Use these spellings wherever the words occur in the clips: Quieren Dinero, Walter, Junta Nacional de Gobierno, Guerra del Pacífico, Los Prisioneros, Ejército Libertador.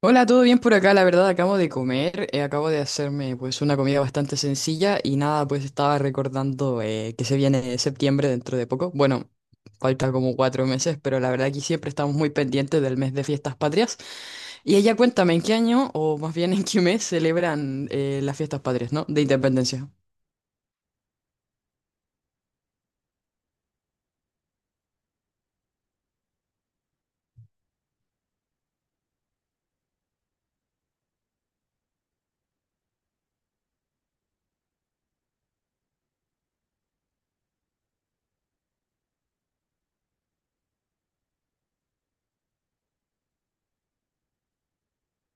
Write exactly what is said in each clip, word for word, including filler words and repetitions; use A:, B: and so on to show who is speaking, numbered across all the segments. A: Hola, ¿todo bien por acá? La verdad, acabo de comer, eh, acabo de hacerme pues una comida bastante sencilla y nada, pues estaba recordando eh, que se viene septiembre dentro de poco. Bueno, falta como cuatro meses, pero la verdad aquí siempre estamos muy pendientes del mes de fiestas patrias. Y ella cuéntame, ¿en qué año o más bien en qué mes celebran eh, las fiestas patrias, no? De independencia.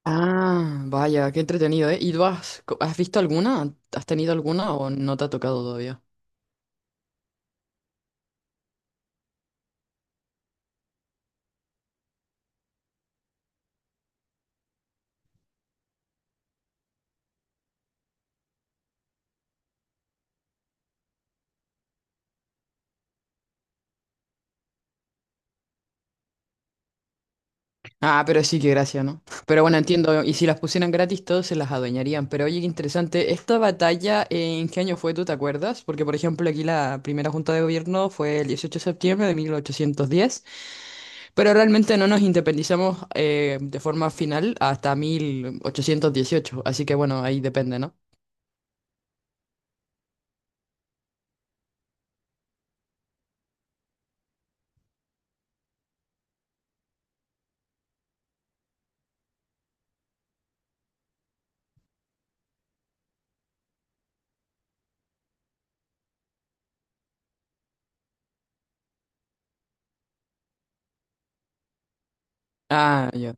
A: Ah, vaya, qué entretenido, ¿eh? ¿Y tú has, has visto alguna? ¿Has tenido alguna o no te ha tocado todavía? Ah, pero sí, que gracia, ¿no? Pero bueno, entiendo, y si las pusieran gratis, todos se las adueñarían. Pero oye, qué interesante, ¿esta batalla eh, en qué año fue, tú te acuerdas? Porque, por ejemplo, aquí la primera junta de gobierno fue el dieciocho de septiembre de mil ochocientos diez, pero realmente no nos independizamos eh, de forma final hasta mil ochocientos dieciocho. Así que bueno, ahí depende, ¿no? Ah, ya.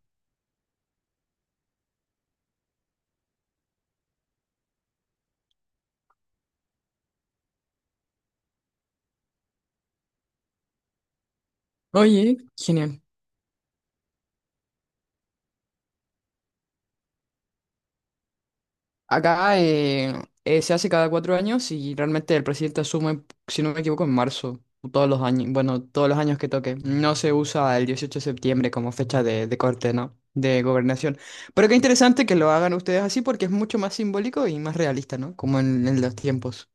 A: Oye, genial. Acá eh, eh, se hace cada cuatro años y realmente el presidente asume, si no me equivoco, en marzo, o todos los años, bueno, todos los años que toque. No se usa el dieciocho de septiembre como fecha de, de corte, ¿no? De gobernación. Pero qué interesante que lo hagan ustedes así porque es mucho más simbólico y más realista, ¿no? Como en, en los tiempos.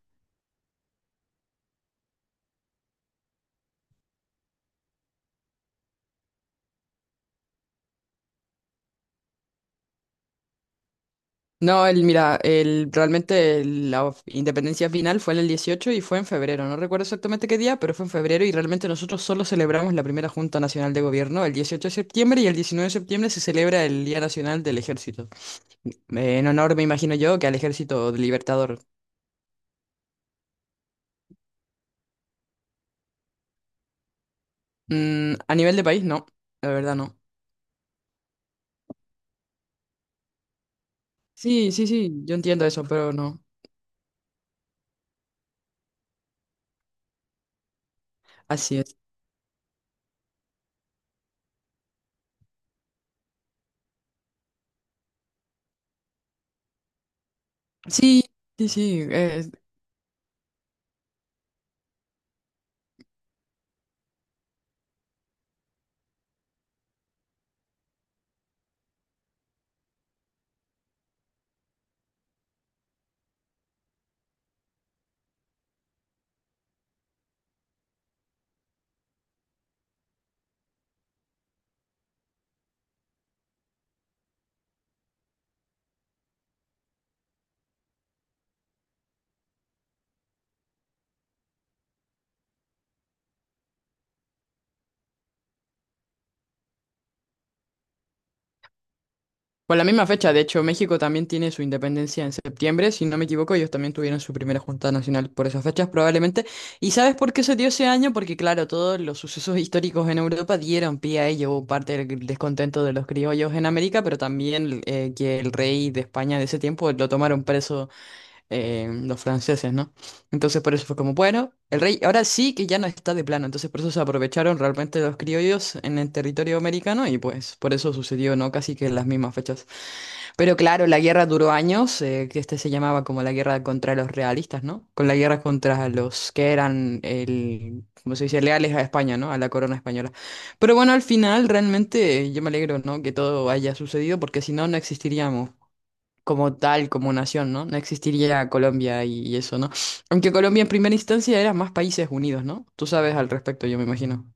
A: No, el, mira, el, realmente el- la of- independencia final fue en el dieciocho y fue en febrero. No recuerdo exactamente qué día, pero fue en febrero y realmente nosotros solo celebramos la primera Junta Nacional de Gobierno el dieciocho de septiembre y el diecinueve de septiembre se celebra el Día Nacional del Ejército. Eh, En honor, me imagino yo, que al Ejército Libertador. Mm, a nivel de país, no, la verdad no. Sí, sí, sí, yo entiendo eso, pero no. Así es. Sí, sí, sí. eh, Por la misma fecha, de hecho, México también tiene su independencia en septiembre, si no me equivoco, ellos también tuvieron su primera junta nacional por esas fechas probablemente. ¿Y sabes por qué se dio ese año? Porque claro, todos los sucesos históricos en Europa dieron pie a ello, hubo parte del descontento de los criollos en América, pero también eh, que el rey de España de ese tiempo lo tomaron preso, eh, los franceses, ¿no? Entonces por eso fue como, bueno, el rey ahora sí que ya no está de plano, entonces por eso se aprovecharon realmente los criollos en el territorio americano y pues por eso sucedió, ¿no? Casi que en las mismas fechas. Pero claro, la guerra duró años, eh, que este se llamaba como la guerra contra los realistas, ¿no? Con la guerra contra los que eran, el, como se dice, leales a España, ¿no? A la corona española. Pero bueno, al final realmente eh, yo me alegro, ¿no? Que todo haya sucedido, porque si no, no existiríamos como tal, como nación, ¿no? No existiría Colombia y, y eso, ¿no? Aunque Colombia en primera instancia era más países unidos, ¿no? Tú sabes al respecto, yo me imagino.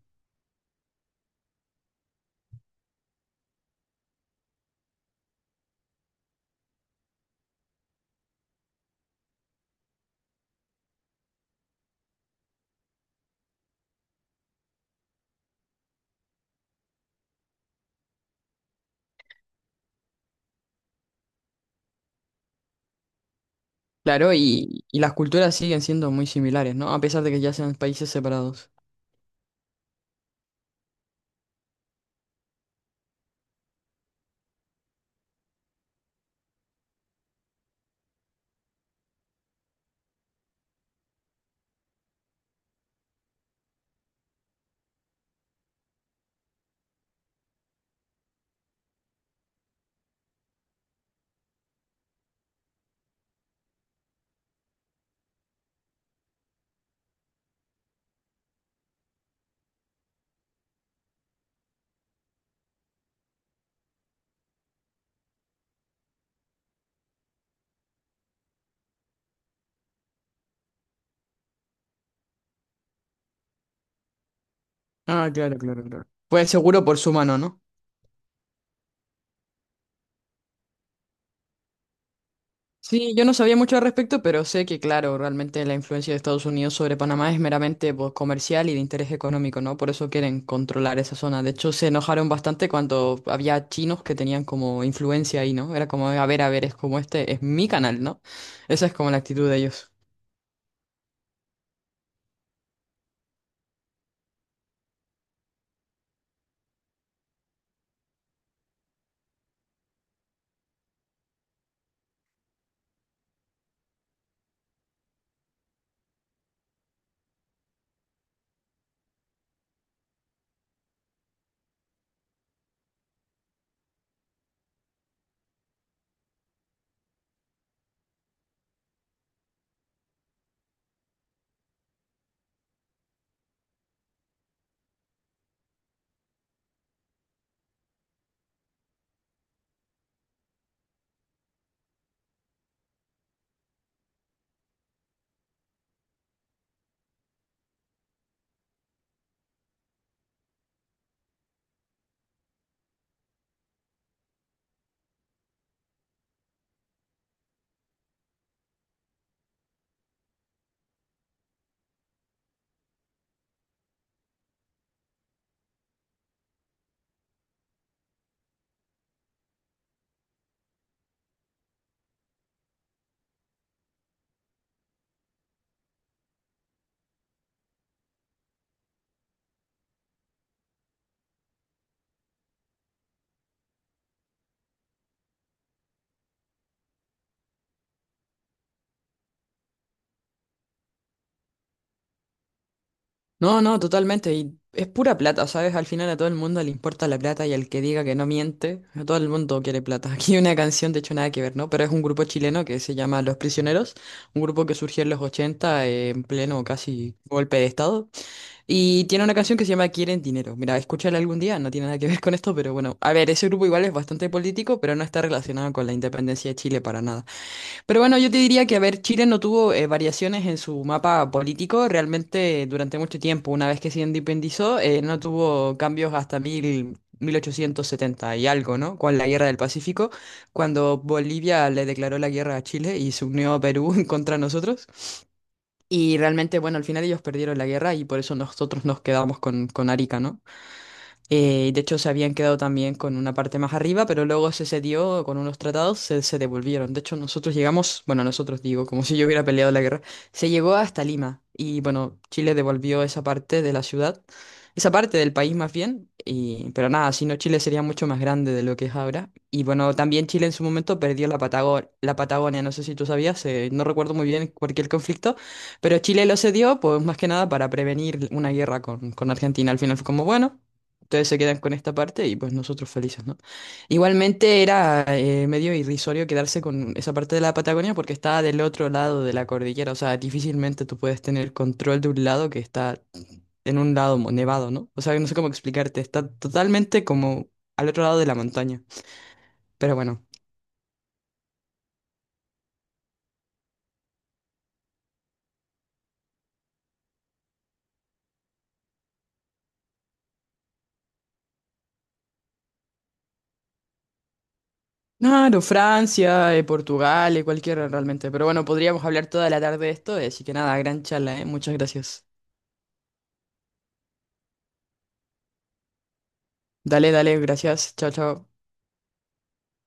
A: Claro, y, y las culturas siguen siendo muy similares, ¿no? A pesar de que ya sean países separados. Ah, claro, claro, claro. Fue seguro por su mano, ¿no? Sí, yo no sabía mucho al respecto, pero sé que, claro, realmente la influencia de Estados Unidos sobre Panamá es meramente, pues, comercial y de interés económico, ¿no? Por eso quieren controlar esa zona. De hecho, se enojaron bastante cuando había chinos que tenían como influencia ahí, ¿no? Era como, a ver, a ver, es como este, es mi canal, ¿no? Esa es como la actitud de ellos. No, no, totalmente. Y es pura plata, ¿sabes? Al final a todo el mundo le importa la plata y al que diga que no miente, a todo el mundo quiere plata. Aquí hay una canción, de hecho, nada que ver, ¿no? Pero es un grupo chileno que se llama Los Prisioneros, un grupo que surgió en los ochenta, eh, en pleno casi golpe de estado. Y tiene una canción que se llama Quieren Dinero. Mira, escúchala algún día, no tiene nada que ver con esto, pero bueno. A ver, ese grupo igual es bastante político, pero no está relacionado con la independencia de Chile para nada. Pero bueno, yo te diría que, a ver, Chile no tuvo eh, variaciones en su mapa político realmente durante mucho tiempo. Una vez que se independizó, eh, no tuvo cambios hasta mil, 1870 y algo, ¿no? Con la Guerra del Pacífico, cuando Bolivia le declaró la guerra a Chile y se unió a Perú contra nosotros. Y realmente, bueno, al final ellos perdieron la guerra y por eso nosotros nos quedamos con, con Arica, ¿no? Eh, de hecho, se habían quedado también con una parte más arriba, pero luego se cedió con unos tratados, se, se devolvieron. De hecho, nosotros llegamos, bueno, nosotros digo, como si yo hubiera peleado la guerra, se llegó hasta Lima y bueno, Chile devolvió esa parte de la ciudad, esa parte del país más bien, y, pero nada, si no, Chile sería mucho más grande de lo que es ahora. Y bueno, también Chile en su momento perdió la Patago- la Patagonia, no sé si tú sabías, eh, no recuerdo muy bien cualquier conflicto, pero Chile lo cedió, pues más que nada para prevenir una guerra con, con Argentina. Al final fue como, bueno, ustedes se quedan con esta parte y pues nosotros felices, ¿no? Igualmente era eh, medio irrisorio quedarse con esa parte de la Patagonia porque estaba del otro lado de la cordillera, o sea, difícilmente tú puedes tener control de un lado que está en un lado mo- nevado, ¿no? O sea, no sé cómo explicarte, está totalmente como al otro lado de la montaña, pero bueno. Claro, Francia, eh, Portugal, eh, cualquiera realmente. Pero bueno, podríamos hablar toda la tarde de esto, eh, así que nada, gran charla, ¿eh? Muchas gracias. Dale, dale, gracias. Chao, chao.